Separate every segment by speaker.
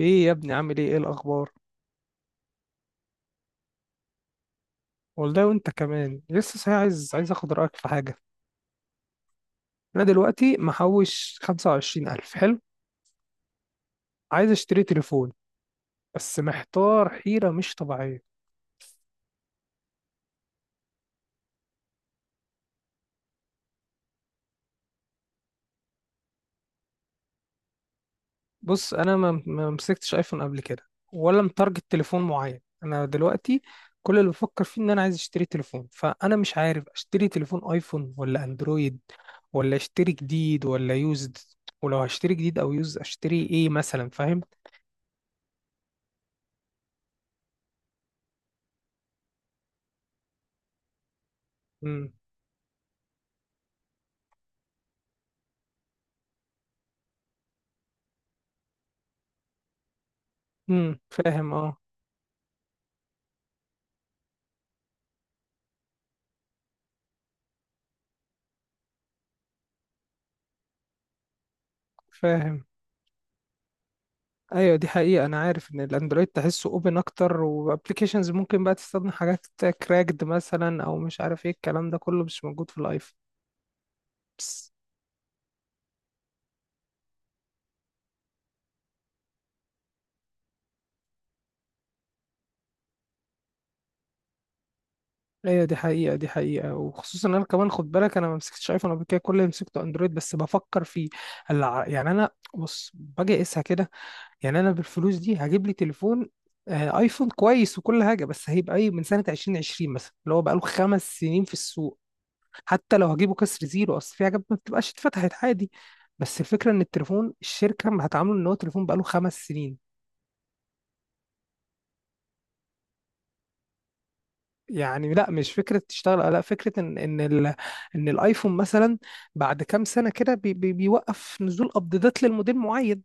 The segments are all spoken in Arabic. Speaker 1: ايه يا ابني، عامل ايه؟ ايه الاخبار؟ والله وانت كمان لسه صحيح؟ عايز اخد رايك في حاجه. انا دلوقتي محوش 25000. حلو. عايز اشتري تليفون. بس محتار حيره مش طبيعيه. بص، انا ما مسكتش ايفون قبل كده، ولا متارجت تليفون معين. انا دلوقتي كل اللي بفكر فيه ان انا عايز اشتري تليفون، فانا مش عارف اشتري تليفون ايفون ولا اندرويد، ولا اشتري جديد ولا يوزد، ولو هشتري جديد او يوزد اشتري ايه مثلا؟ فاهم؟ امم. امم. فاهم، اه. فاهم. ايوه دي حقيقة، انا عارف ان الاندرويد تحسه اوبن اكتر، وابلكيشنز ممكن بقى تستخدم حاجات كراكد مثلا او مش عارف ايه، الكلام ده كله مش موجود في الايفون. بس. ايوه دي حقيقة دي حقيقة، وخصوصا انا كمان خد بالك، انا ما مسكتش ايفون قبل كده، كل اللي مسكته اندرويد، بس بفكر فيه، يعني انا، بص، باجي اقيسها كده. يعني انا بالفلوس دي هجيب لي تليفون، ايفون كويس وكل حاجة، بس هيبقى ايه؟ من سنة 2020 مثلا، اللي هو بقاله 5 سنين في السوق. حتى لو هجيبه كسر زيرو، اصل في حاجات ما بتبقاش اتفتحت عادي. بس الفكره ان التليفون الشركه ما هتعامله ان هو تليفون بقاله 5 سنين. يعني لا، مش فكره تشتغل، لا، فكره ان الايفون مثلا بعد كام سنه كده بي بي بيوقف نزول ابديتات للموديل معين.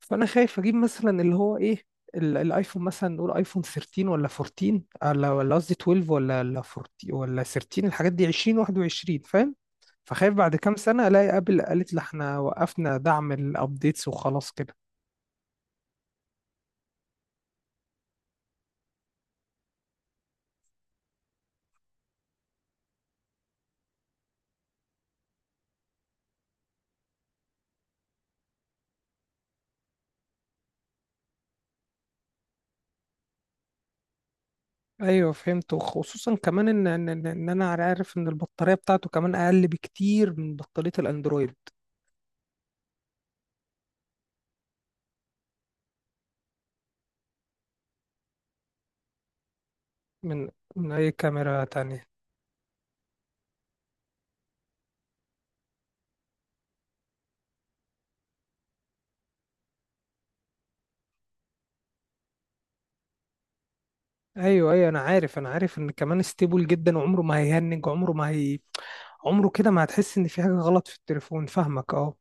Speaker 1: فانا خايف اجيب مثلا اللي هو ايه، الايفون مثلا، نقول ايفون 13 ولا 14 ولا قصدي 12 ولا 14 ولا 13، الحاجات دي 20، 21، فاهم؟ فخايف بعد كام سنة الاقي ابل قالت لي احنا وقفنا دعم الابديتس وخلاص كده. ايوه فهمت، وخصوصا كمان ان ان ان إن انا عارف ان البطارية بتاعته كمان اقل بكتير من بطارية الاندرويد. من من اي كاميرا تانية. ايوه ايوه انا عارف، انا عارف ان كمان ستيبل جدا، وعمره ما هيهنج، عمره كده ما هتحس ان في حاجه غلط في التليفون، فاهمك، اه.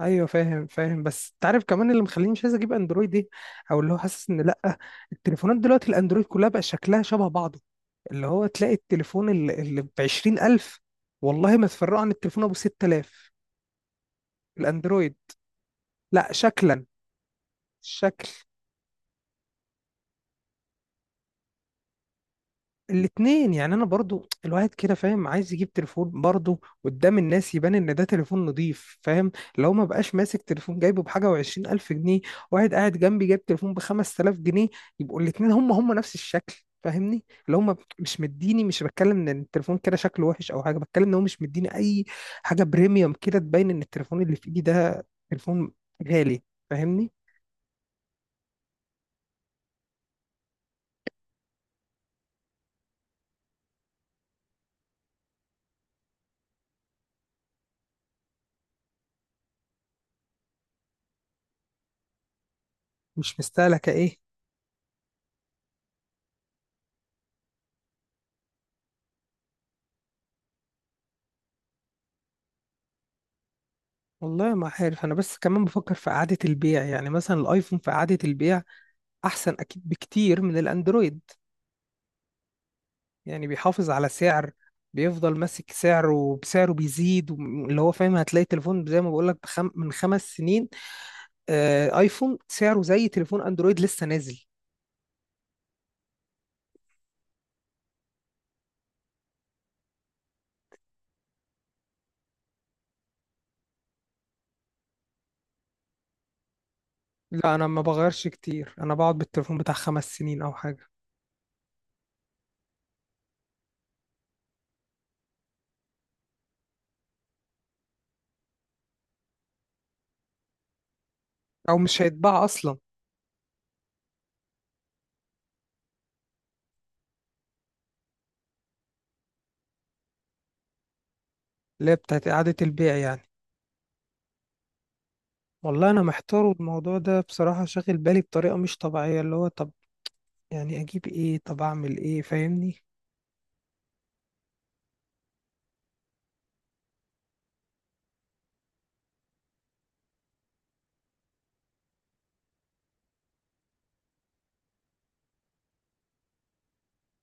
Speaker 1: ايوه فاهم فاهم، بس انت عارف كمان اللي مخليني مش عايز اجيب اندرويد ايه، او اللي هو حاسس ان لا، التليفونات دلوقتي الاندرويد كلها بقى شكلها شبه بعضه، اللي هو تلاقي التليفون اللي ب 20000، والله ما تفرقه عن التليفون ابو 6000. الاندرويد لا شكل. الاتنين، يعني انا برضو الواحد كده فاهم عايز يجيب تليفون برضو قدام الناس يبان ان ده تليفون نضيف، فاهم؟ لو ما بقاش ماسك تليفون جايبه بحاجه وعشرين الف جنيه، واحد قاعد جنبي جايب تليفون بخمس تلاف جنيه، يبقوا الاتنين هم نفس الشكل، فاهمني؟ اللي هم مش مديني، مش بتكلم ان التليفون كده شكله وحش او حاجه، بتكلم ان هو مش مديني اي حاجه بريميوم كده تبين ان التليفون اللي في ايدي ده تليفون غالي، فاهمني؟ مش مستهلكه ايه؟ والله ما عارف، انا بس كمان بفكر في اعاده البيع، يعني مثلا الايفون في اعاده البيع احسن اكيد بكتير من الاندرويد، يعني بيحافظ على سعر، بيفضل ماسك سعره وبسعره بيزيد، اللي هو فاهم، هتلاقي تليفون زي ما بقول لك من 5 سنين، ايفون سعره زي تليفون اندرويد لسه نازل. لا، انا ما بغيرش كتير، انا بقعد بالتليفون بتاع 5 سنين او حاجه. او مش هيتباع اصلا. اللي هي بتاعت اعاده البيع يعني. والله انا محتار، والموضوع ده بصراحه شاغل بالي بطريقه مش طبيعيه، اللي هو طب، يعني اجيب ايه؟ طب اعمل ايه؟ فاهمني؟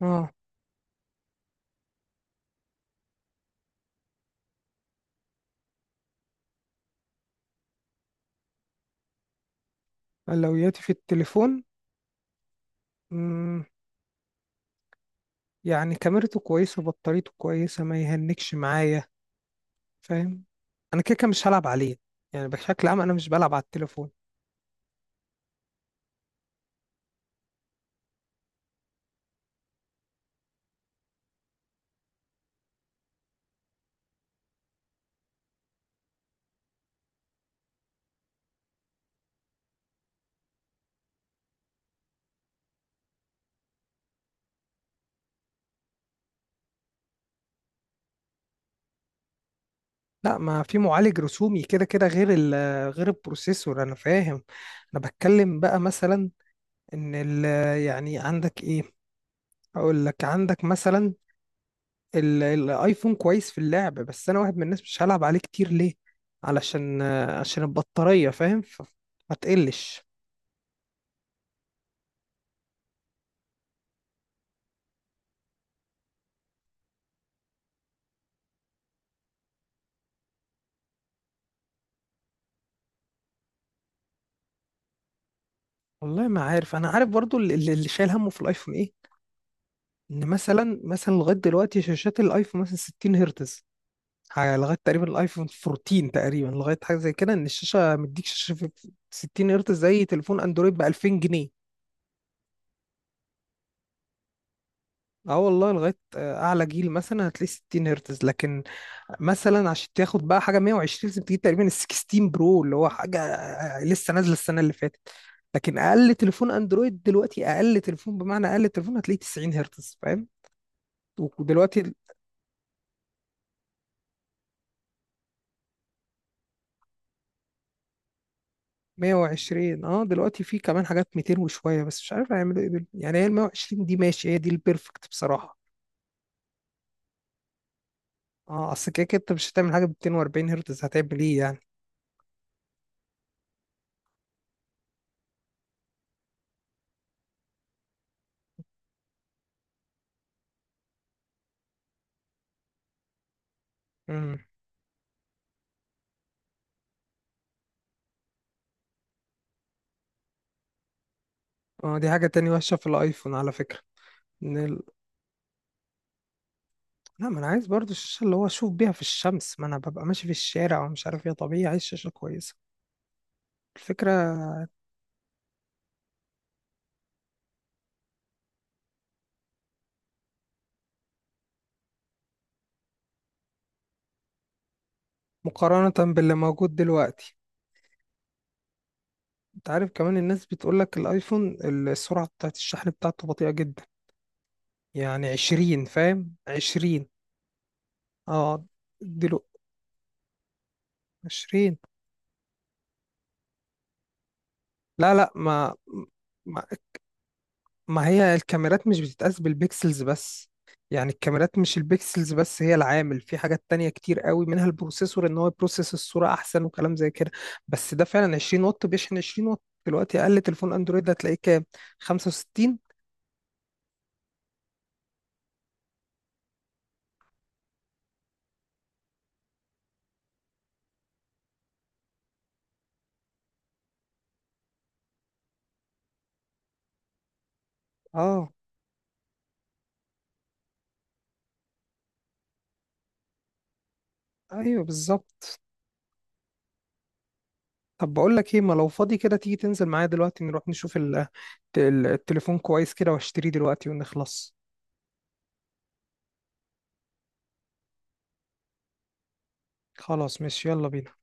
Speaker 1: اه، اولوياتي في التليفون. مم. يعني كاميرته كويسه، بطاريته كويسه، ما يهنكش معايا، فاهم؟ انا كده كده مش هلعب عليه، يعني بشكل عام انا مش بلعب على التليفون. لا، ما في معالج رسومي كده كده غير غير البروسيسور، انا فاهم. انا بتكلم بقى مثلا ان يعني عندك ايه، اقول لك عندك مثلا الايفون كويس في اللعب، بس انا واحد من الناس مش هلعب عليه كتير. ليه؟ علشان عشان البطارية، فاهم؟ ما تقلش. والله ما عارف، انا عارف برضو اللي شايل همه في الايفون ايه. ان مثلا لغاية دلوقتي شاشات الايفون مثلا 60 هرتز، لغاية تقريبا الايفون 14 تقريبا، لغاية حاجة زي كده، ان الشاشة مديك شاشة في 60 هرتز زي تليفون اندرويد ب 2000 جنيه. اه والله لغاية أعلى جيل مثلا هتلاقي 60 هرتز، لكن مثلا عشان تاخد بقى حاجة 120 لازم تجيب تقريبا ال 16 برو، اللي هو حاجة لسه نازلة السنة اللي فاتت. لكن أقل تليفون أندرويد دلوقتي، أقل تليفون بمعنى أقل تليفون، هتلاقيه 90 هرتز، فاهم؟ ودلوقتي ال 120، دلوقتي في كمان حاجات 200 وشوية، بس مش عارف هيعملوا ايه يعني هي ال 120 دي ماشي، هي دي البيرفكت بصراحة. اه، اصل كده كده انت مش هتعمل حاجة ب 240 هرتز، هتعمل ايه يعني؟ امم. اه، دي حاجة تانية وحشة في الايفون على فكرة. ان لا، ما انا عايز برضو الشاشه اللي هو اشوف بيها في الشمس، ما انا ببقى ماشي في الشارع ومش عارف ايه، طبيعي عايز شاشه كويسه. الفكره. مقارنه باللي موجود دلوقتي. انت عارف كمان الناس بتقول لك الايفون السرعه بتاعت الشحن بتاعته بطيئه جدا، يعني 20، فاهم؟ 20. اه دلو 20. لا لا ما ما هي الكاميرات مش بتتقاس بالبيكسلز بس، يعني الكاميرات مش البيكسلز بس هي العامل، في حاجات تانية كتير قوي منها البروسيسور ان هو يبروسيس الصورة احسن وكلام زي كده. بس ده فعلا 20 واط، بيشحن 20 واط، دلوقتي اقل تليفون اندرويد هتلاقيه كام؟ 65؟ اه، ايوه بالظبط. طب بقول لك ايه، ما لو فاضي كده تيجي تنزل معايا دلوقتي نروح نشوف التليفون كويس كده، واشتريه دلوقتي ونخلص. خلاص ماشي، يلا بينا.